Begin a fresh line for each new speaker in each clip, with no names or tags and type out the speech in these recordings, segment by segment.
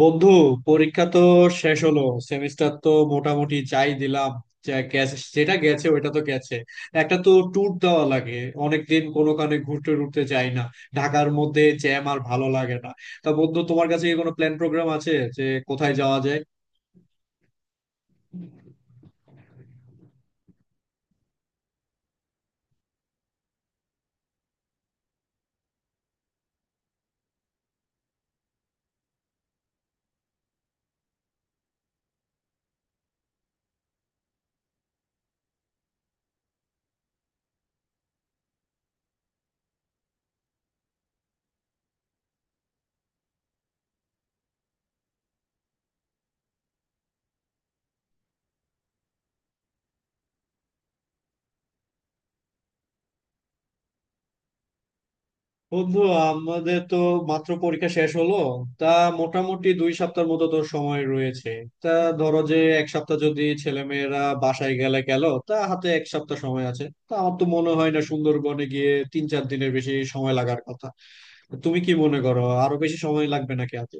বন্ধু, পরীক্ষা তো শেষ হলো। সেমিস্টার তো মোটামুটি যাই দিলাম, যা গেছে যেটা গেছে ওটা তো গেছে। একটা তো ট্যুর দেওয়া লাগে। অনেকদিন কোনো কানে ঘুরতে টুরতে যাই না। ঢাকার মধ্যে জ্যাম আর ভালো লাগে না। তা বন্ধু, তোমার কাছে কি কোনো প্ল্যান প্রোগ্রাম আছে যে কোথায় যাওয়া যায়? বন্ধু, আমাদের তো মাত্র পরীক্ষা শেষ হলো। তা মোটামুটি 2 সপ্তাহ মতো তোর সময় রয়েছে। তা ধরো যে এক সপ্তাহ যদি ছেলেমেয়েরা বাসায় গেলে গেল, তা হাতে এক সপ্তাহ সময় আছে। তা আমার তো মনে হয় না সুন্দরবনে গিয়ে 3-4 দিনের বেশি সময় লাগার কথা। তুমি কি মনে করো আরো বেশি সময় লাগবে নাকি হাতে?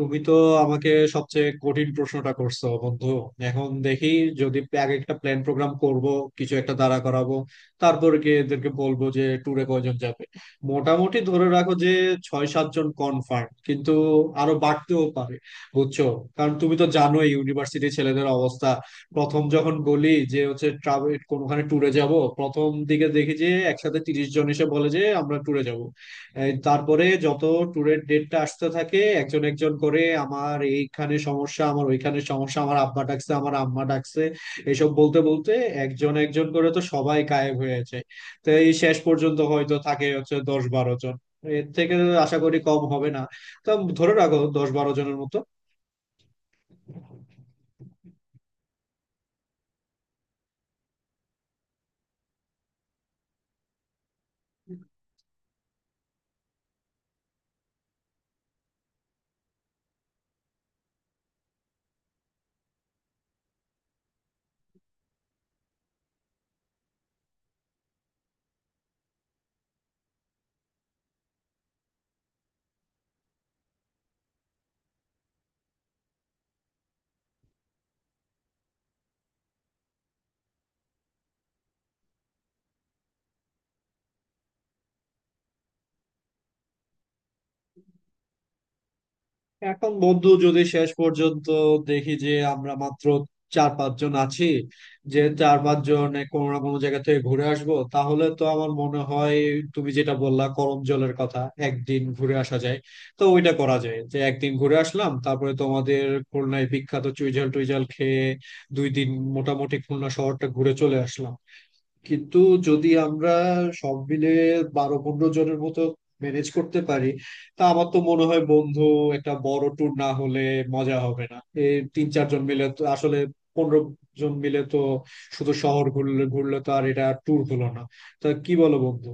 তুমি তো আমাকে সবচেয়ে কঠিন প্রশ্নটা করছো বন্ধু। এখন দেখি, যদি আগে একটা প্ল্যান প্রোগ্রাম করব, কিছু একটা দাঁড়া করাবো, তারপর গিয়ে এদেরকে বলবো যে ট্যুরে কয়জন যাবে। মোটামুটি ধরে রাখো যে 6-7 জন কনফার্ম, কিন্তু আরো বাড়তেও পারে, বুঝছো। কারণ তুমি তো জানোই ইউনিভার্সিটি ছেলেদের অবস্থা। প্রথম যখন বলি যে হচ্ছে ট্রাভেল কোনোখানে ট্যুরে যাব, প্রথম দিকে দেখি যে একসাথে 30 জন এসে বলে যে আমরা ট্যুরে যাব। এই তারপরে যত ট্যুরের ডেটটা আসতে থাকে একজন একজন করে, আমার এইখানে সমস্যা, আমার ওইখানে সমস্যা, আমার আব্বা ডাকছে, আমার আম্মা ডাকছে, এসব বলতে বলতে একজন একজন করে তো সবাই গায়েব হয়ে যায়। তো এই শেষ পর্যন্ত হয়তো থাকে হচ্ছে 10-12 জন। এর থেকে আশা করি কম হবে না। তো ধরে রাখো 10-12 জনের মতো। এখন বন্ধু, যদি শেষ পর্যন্ত দেখি যে আমরা মাত্র 4-5 জন আছি, যে 4-5 জন কোনো না কোনো জায়গা থেকে ঘুরে আসবো, তাহলে তো আমার মনে হয় তুমি যেটা বললা করম জলের কথা, একদিন ঘুরে আসা যায়। তো ওইটা করা যায় যে একদিন ঘুরে আসলাম, তারপরে তোমাদের খুলনায় বিখ্যাত চুইঝাল টুইঝাল খেয়ে 2 দিন মোটামুটি খুলনা শহরটা ঘুরে চলে আসলাম। কিন্তু যদি আমরা সব মিলে 12-15 জনের মতো ম্যানেজ করতে পারি, তা আমার তো মনে হয় বন্ধু একটা বড় ট্যুর না হলে মজা হবে না। এই 3-4 জন মিলে তো আসলে, 15 জন মিলে তো শুধু শহর ঘুরলে ঘুরলে তো আর এটা ট্যুর হলো না। তা কি বলো বন্ধু?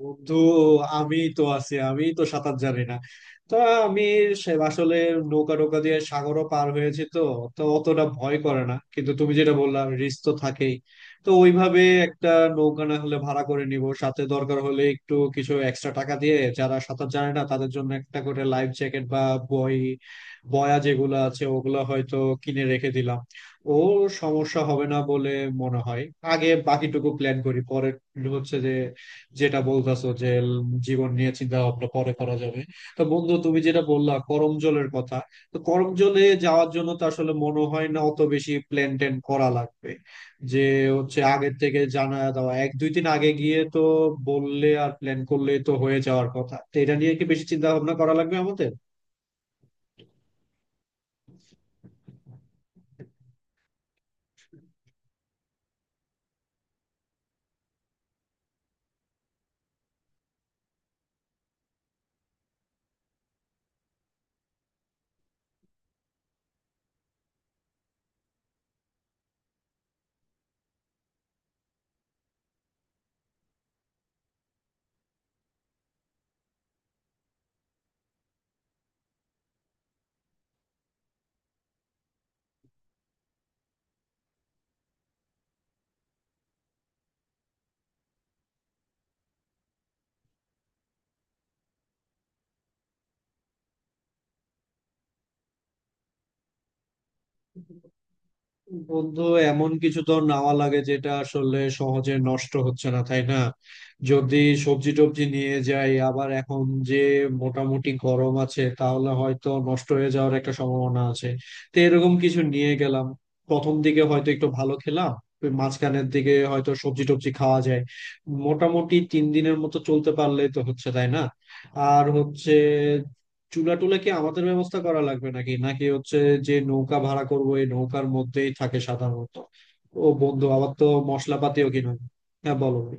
বন্ধু, আমি তো আছি, আমি তো সাঁতার জানি না। তো আমি, সে আসলে নৌকা নৌকা দিয়ে সাগরও পার হয়েছি তো, তো অতটা ভয় করে না। কিন্তু তুমি যেটা বললাম, রিস্ক তো থাকেই। তো ওইভাবে একটা নৌকা না হলে ভাড়া করে নিব, সাথে দরকার হলে একটু কিছু এক্সট্রা টাকা দিয়ে যারা সাঁতার জানে না তাদের জন্য একটা করে লাইফ জ্যাকেট বা বই বয়া যেগুলো আছে ওগুলো হয়তো কিনে রেখে দিলাম। ও, সমস্যা হবে না বলে মনে হয়। আগে বাকিটুকু প্ল্যান করি, পরে হচ্ছে যে যেটা বলতেছো যে জীবন নিয়ে চিন্তা ভাবনা পরে করা যাবে। তো বন্ধু, তুমি যেটা বললা করমজলের কথা, তো করমজলে যাওয়ার জন্য তো আসলে মনে হয় না অত বেশি প্ল্যান ট্যান করা লাগবে। যে হচ্ছে আগের থেকে জানা দেওয়া, 1-2 দিন আগে গিয়ে তো বললে আর প্ল্যান করলে তো হয়ে যাওয়ার কথা। তো এটা নিয়ে কি বেশি চিন্তা ভাবনা করা লাগবে আমাদের? বন্ধু, এমন কিছু তো নেওয়া লাগে যেটা আসলে সহজে নষ্ট হচ্ছে না, তাই না? যদি সবজি টবজি নিয়ে যাই আবার এখন যে মোটামুটি গরম আছে, তাহলে হয়তো নষ্ট হয়ে যাওয়ার একটা সম্ভাবনা আছে। তো এরকম কিছু নিয়ে গেলাম, প্রথম দিকে হয়তো একটু ভালো খেলাম, ওই মাঝখানের দিকে হয়তো সবজি টবজি খাওয়া যায়। মোটামুটি 3 দিনের মতো চলতে পারলেই তো হচ্ছে, তাই না? আর হচ্ছে চুলা টুলা কি আমাদের ব্যবস্থা করা লাগবে, নাকি নাকি হচ্ছে যে নৌকা ভাড়া করবো এই নৌকার মধ্যেই থাকে সাধারণত? ও বন্ধু, আবার তো মশলাপাতিও কিনা? হ্যাঁ বলো ভাই।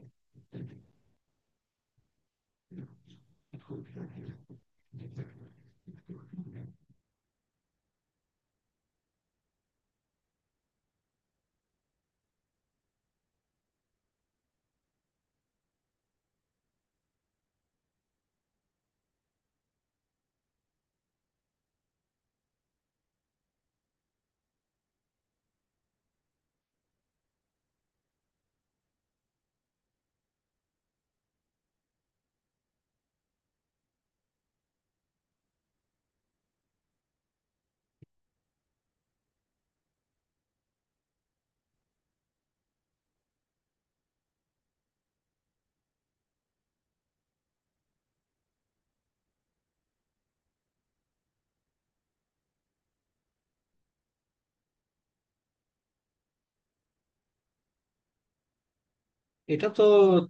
এটা তো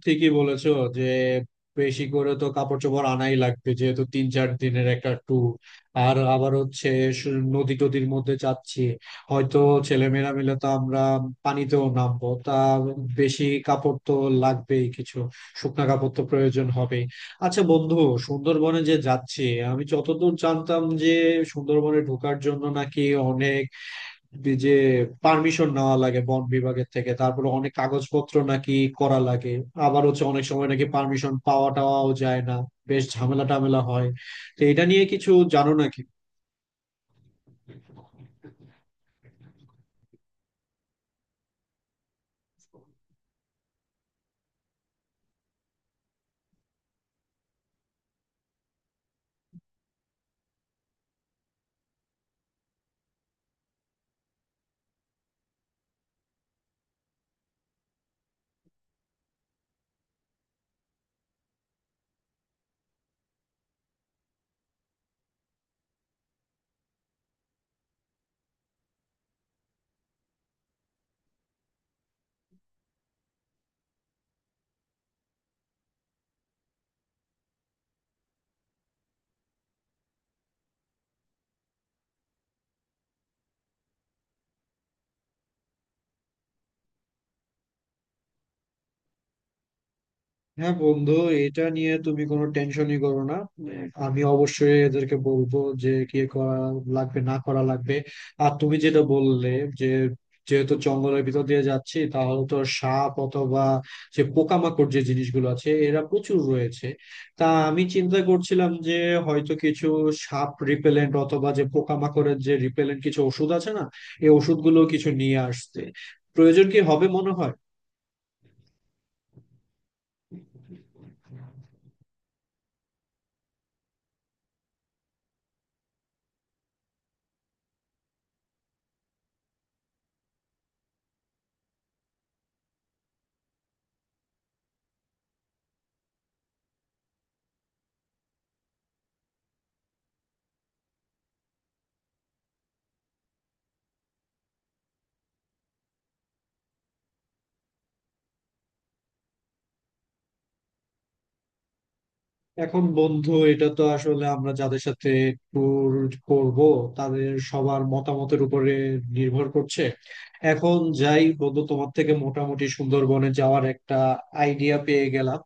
ঠিকই বলেছো যে বেশি করে তো কাপড় চোপড় আনাই লাগবে, যেহেতু তিন চার দিনের একটা ট্যুর। আর আবার হচ্ছে নদী টদীর মধ্যে যাচ্ছি, হয়তো ছেলেমেয়েরা মিলে তো আমরা পানিতেও নামবো। তা বেশি কাপড় তো লাগবেই, কিছু শুকনা কাপড় তো প্রয়োজন হবে। আচ্ছা বন্ধু, সুন্দরবনে যে যাচ্ছি, আমি যতদূর জানতাম যে সুন্দরবনে ঢোকার জন্য নাকি অনেক যে পারমিশন নেওয়া লাগে বন বিভাগের থেকে, তারপরে অনেক কাগজপত্র নাকি করা লাগে। আবার হচ্ছে অনেক সময় নাকি পারমিশন পাওয়া টাওয়াও যায় না, বেশ ঝামেলা টামেলা হয়। তো এটা নিয়ে কিছু জানো নাকি? হ্যাঁ বন্ধু, এটা নিয়ে তুমি কোনো টেনশনই করো না। আমি অবশ্যই এদেরকে বলবো যে কি করা লাগবে না করা লাগবে। আর তুমি যেটা বললে যে যেহেতু জঙ্গলের ভিতর দিয়ে যাচ্ছি, তাহলে তো সাপ অথবা যে পোকামাকড় যে জিনিসগুলো আছে এরা প্রচুর রয়েছে। তা আমি চিন্তা করছিলাম যে হয়তো কিছু সাপ রিপেলেন্ট অথবা যে পোকামাকড়ের যে রিপেলেন্ট কিছু ওষুধ আছে না, এই ওষুধগুলো কিছু নিয়ে আসতে প্রয়োজন কি হবে মনে হয়? এখন বন্ধু, এটা তো আসলে আমরা যাদের সাথে ট্যুর করব তাদের সবার মতামতের উপরে নির্ভর করছে। এখন যাই বন্ধু, তোমার থেকে মোটামুটি সুন্দরবনে যাওয়ার একটা আইডিয়া পেয়ে গেলাম।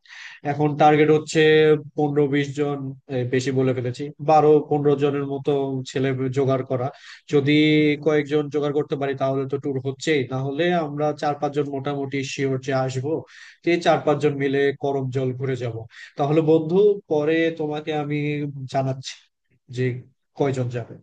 এখন টার্গেট হচ্ছে 15-20 জন, বেশি বলে ফেলেছি, 12-15 জনের মতো ছেলে জোগাড় করা। যদি কয়েকজন জোগাড় করতে পারি তাহলে তো ট্যুর হচ্ছেই, তাহলে আমরা 4-5 জন মোটামুটি শিওর যে আসবো। তো এই 4-5 জন মিলে করমজল ঘুরে যাব। তাহলে বন্ধু, পরে তোমাকে আমি জানাচ্ছি যে কয়জন যাবে।